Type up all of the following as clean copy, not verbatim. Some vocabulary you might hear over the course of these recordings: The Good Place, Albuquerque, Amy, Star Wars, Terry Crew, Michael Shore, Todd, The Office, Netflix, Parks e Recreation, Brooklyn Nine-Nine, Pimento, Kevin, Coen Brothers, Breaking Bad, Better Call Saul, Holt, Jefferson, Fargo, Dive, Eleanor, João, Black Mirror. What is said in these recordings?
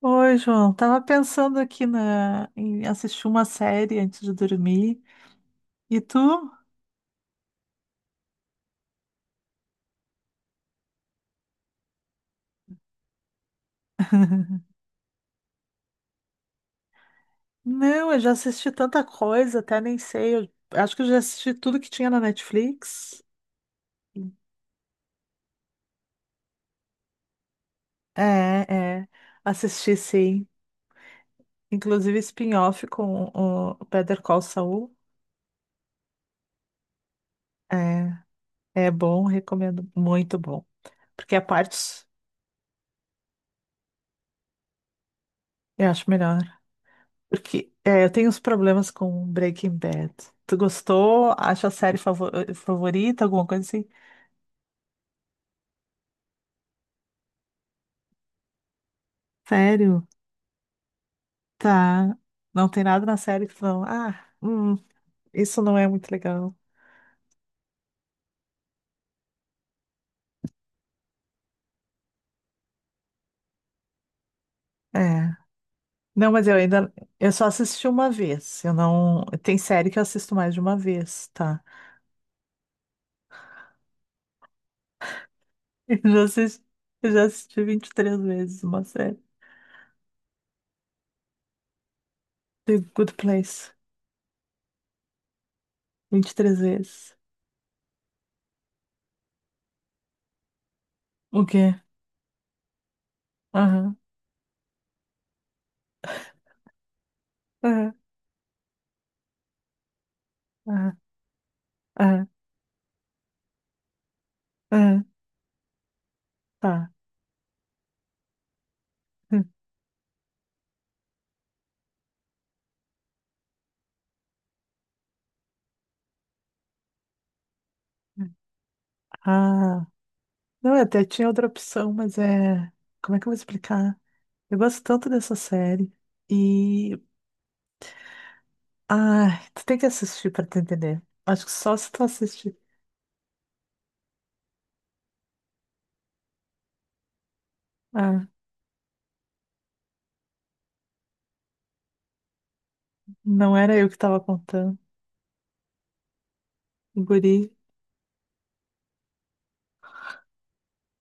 Oi, João. Tava pensando aqui em assistir uma série antes de dormir. E tu? Não, eu já assisti tanta coisa, até nem sei. Eu acho que eu já assisti tudo que tinha na Netflix. É, é. Assisti, sim. Inclusive spin-off com o Better Call Saul. É, é bom, recomendo. Muito bom. Porque a parte eu acho melhor. Eu tenho uns problemas com Breaking Bad. Tu gostou? Acha a série favorita? Alguma coisa assim? Sério? Tá. Não tem nada na série que falam, isso não é muito legal. É. Não, mas eu ainda, Eu só assisti uma vez. Eu não, tem série que eu assisto mais de uma vez, tá? Eu já assisti, eu já assisti vinte e três vezes uma série. The Good Place. Vinte e três vezes. O quê? Aham. Aham. Aham. Aham. Aham. Tá. Ah. Não, eu até tinha outra opção, mas é. Como é que eu vou explicar? Eu gosto tanto dessa série. E. Ai, tu tem que assistir pra tu entender. Acho que só se tu assistir. Ah, não era eu que tava contando. O guri,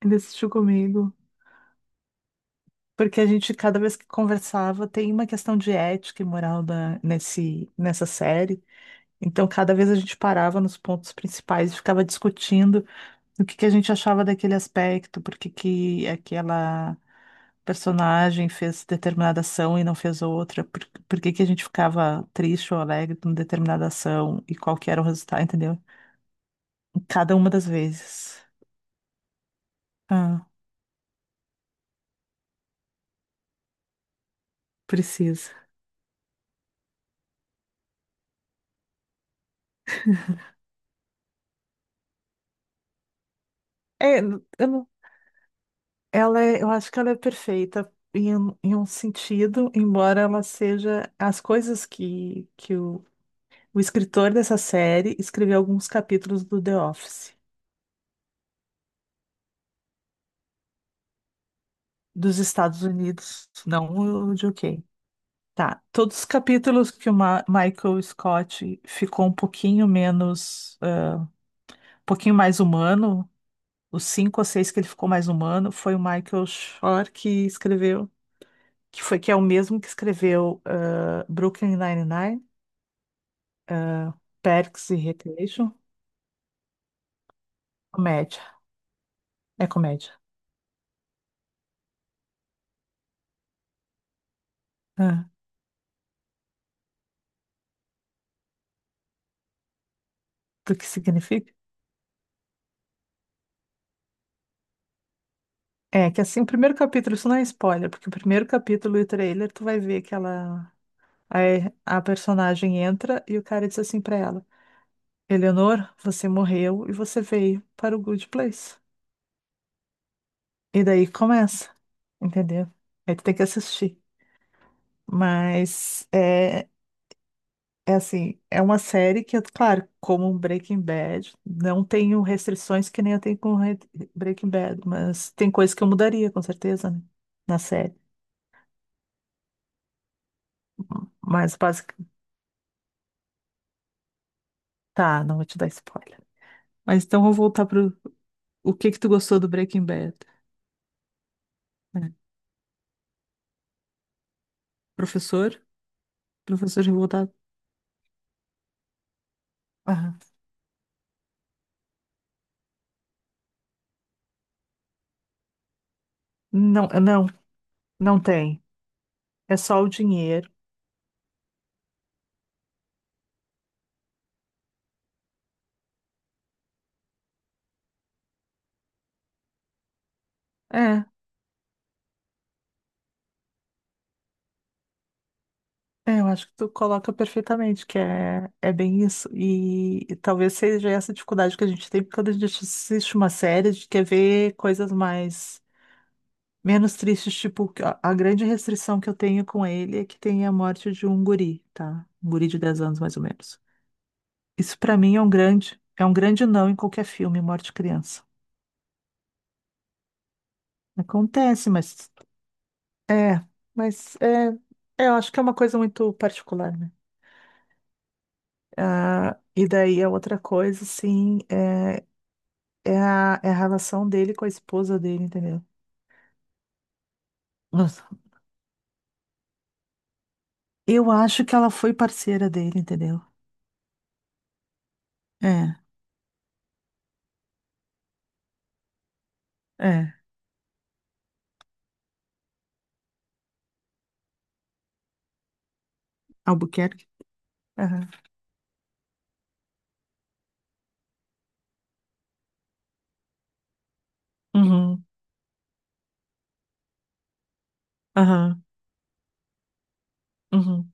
ele assistiu comigo. Porque a gente, cada vez que conversava, tem uma questão de ética e moral nessa série. Então, cada vez a gente parava nos pontos principais e ficava discutindo o que que a gente achava daquele aspecto, por que que aquela personagem fez determinada ação e não fez outra, por que que a gente ficava triste ou alegre com determinada ação e qual que era o resultado, entendeu? Cada uma das vezes. Ah, precisa. É, eu não- Ela é, eu acho que ela é perfeita em um sentido, embora ela seja as coisas que o escritor dessa série escreveu alguns capítulos do The Office. Dos Estados Unidos, não o de UK. Tá. Todos os capítulos que o Michael Scott ficou um pouquinho menos, um pouquinho mais humano, os cinco ou seis que ele ficou mais humano, foi o Michael Shore que escreveu, que é o mesmo que escreveu Brooklyn Nine-Nine, Parks e Recreation, comédia. É comédia. Ah, do que significa? É que assim, o primeiro capítulo, isso não é spoiler, porque o primeiro capítulo e o trailer, tu vai ver que ela... Aí a personagem entra e o cara diz assim pra ela: Eleanor, você morreu e você veio para o Good Place. E daí começa, entendeu? Aí tu tem que assistir. Mas é, é assim, é uma série que, claro, como um Breaking Bad, não tenho restrições que nem eu tenho com Breaking Bad, mas tem coisa que eu mudaria, com certeza, né? Na série. Mas basic... Tá, não vou te dar spoiler. Mas então vou voltar pro o que que tu gostou do Breaking Bad, né? Professor? Professor revoltado. Ah, não, não, não tem. É só o dinheiro. É, é, eu acho que tu coloca perfeitamente, que é bem isso. E talvez seja essa dificuldade que a gente tem quando a gente assiste uma série, a gente quer ver coisas mais, menos tristes, tipo, que a grande restrição que eu tenho com ele é que tem a morte de um guri, tá? Um guri de 10 anos, mais ou menos. Isso pra mim é um grande não em qualquer filme, morte de criança. Acontece, mas é, mas eu acho que é uma coisa muito particular, né? Ah, e daí a outra coisa, assim, é a relação dele com a esposa dele, entendeu? Nossa, eu acho que ela foi parceira dele, entendeu? É, é. Albuquerque? Aham. Uhum, aham, uhum.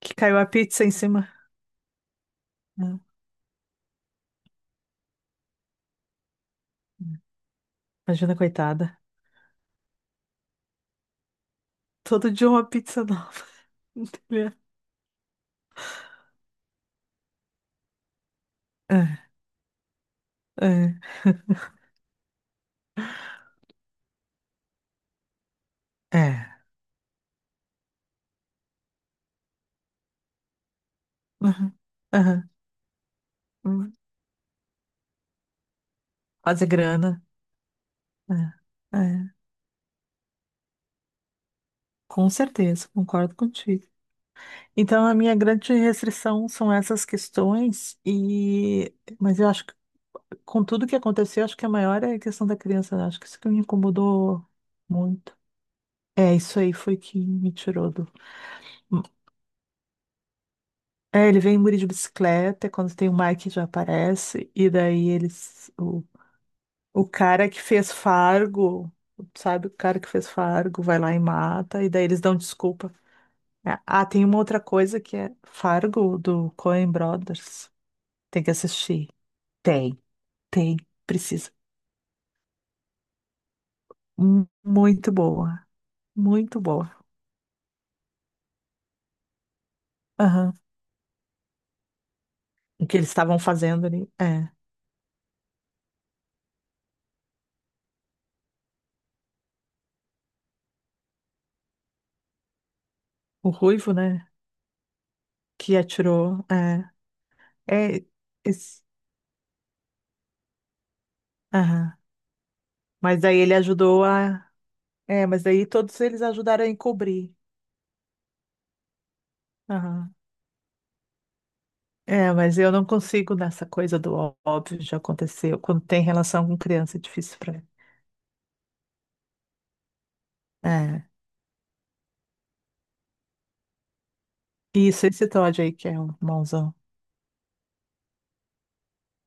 Que caiu a pizza em cima, né? Imagina, coitada. Todo dia uma pizza nova, entendeu? É, é, é. Uhum, aham. Uhum. Fazer grana. É, é. Com certeza, concordo contigo. Então, a minha grande restrição são essas questões, e mas eu acho que com tudo que aconteceu, acho que a maior é a questão da criança, né? Acho que isso que me incomodou muito. É, isso aí foi que me tirou do. É, ele vem em Muri de bicicleta, é quando tem o Mike já aparece, e daí eles. O cara que fez Fargo, sabe? O cara que fez Fargo vai lá e mata, e daí eles dão desculpa. É. Ah, tem uma outra coisa que é Fargo, do Coen Brothers. Tem que assistir. Tem, tem, precisa. Muito boa, muito boa. Aham. O que eles estavam fazendo ali, é. O Ruivo, né, que atirou, é. É, esse- aham. Mas daí ele ajudou a... É, mas daí todos eles ajudaram a encobrir. Aham. É, mas eu não consigo nessa coisa do óbvio já aconteceu. Quando tem relação com criança, é difícil pra mim. É. Isso, esse Todd aí que é o mauzão,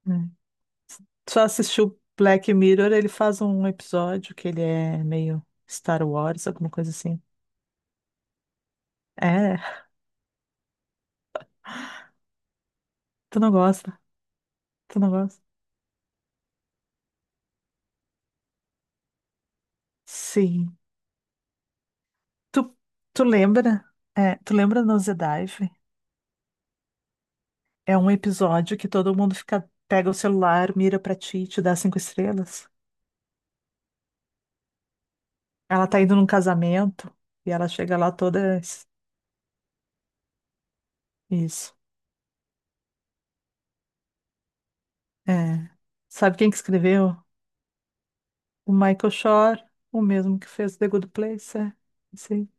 né? Só assistiu Black Mirror, ele faz um episódio que ele é meio Star Wars, alguma coisa assim. É, tu não gosta, tu não gosta. Sim. Tu, tu lembra? É, tu lembra no Dive? É um episódio que todo mundo fica, pega o celular, mira pra ti e te dá cinco estrelas. Ela tá indo num casamento e ela chega lá toda. Isso. É. Sabe quem que escreveu? O Michael Shore, o mesmo que fez The Good Place, é. Sim.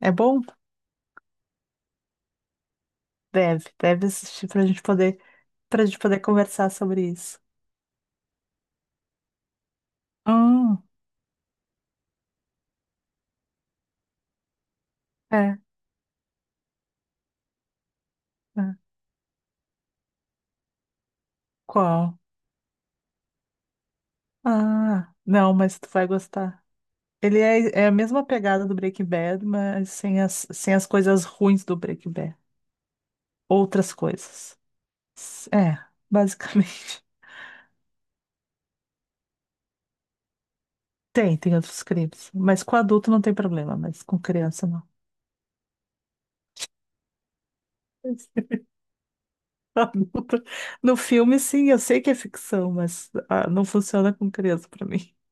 É, é bom? Deve assistir pra gente poder conversar sobre isso. Hum, é, é. Qual? Ah, não, mas tu vai gostar. É a mesma pegada do Breaking Bad, mas sem as coisas ruins do Breaking Bad. Outras coisas. É, basicamente. Tem outros crimes. Mas com adulto não tem problema, mas com criança não. Adulta. No filme, sim, eu sei que é ficção, mas ah, não funciona com criança pra mim.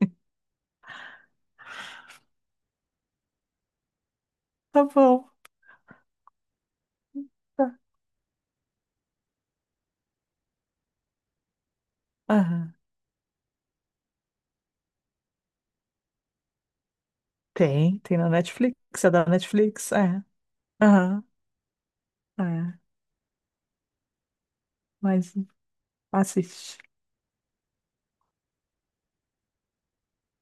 Tá bom. Tá. Aham. Tem na Netflix, é da Netflix, é. Aham, é. Mas assiste.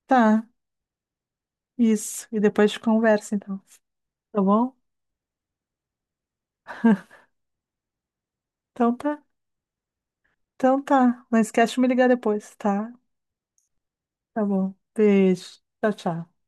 Tá, isso. E depois a gente conversa, então. Tá bom? Então tá. Então tá. Não esquece de me ligar depois, tá? Tá bom. Beijo. Tchau, tchau.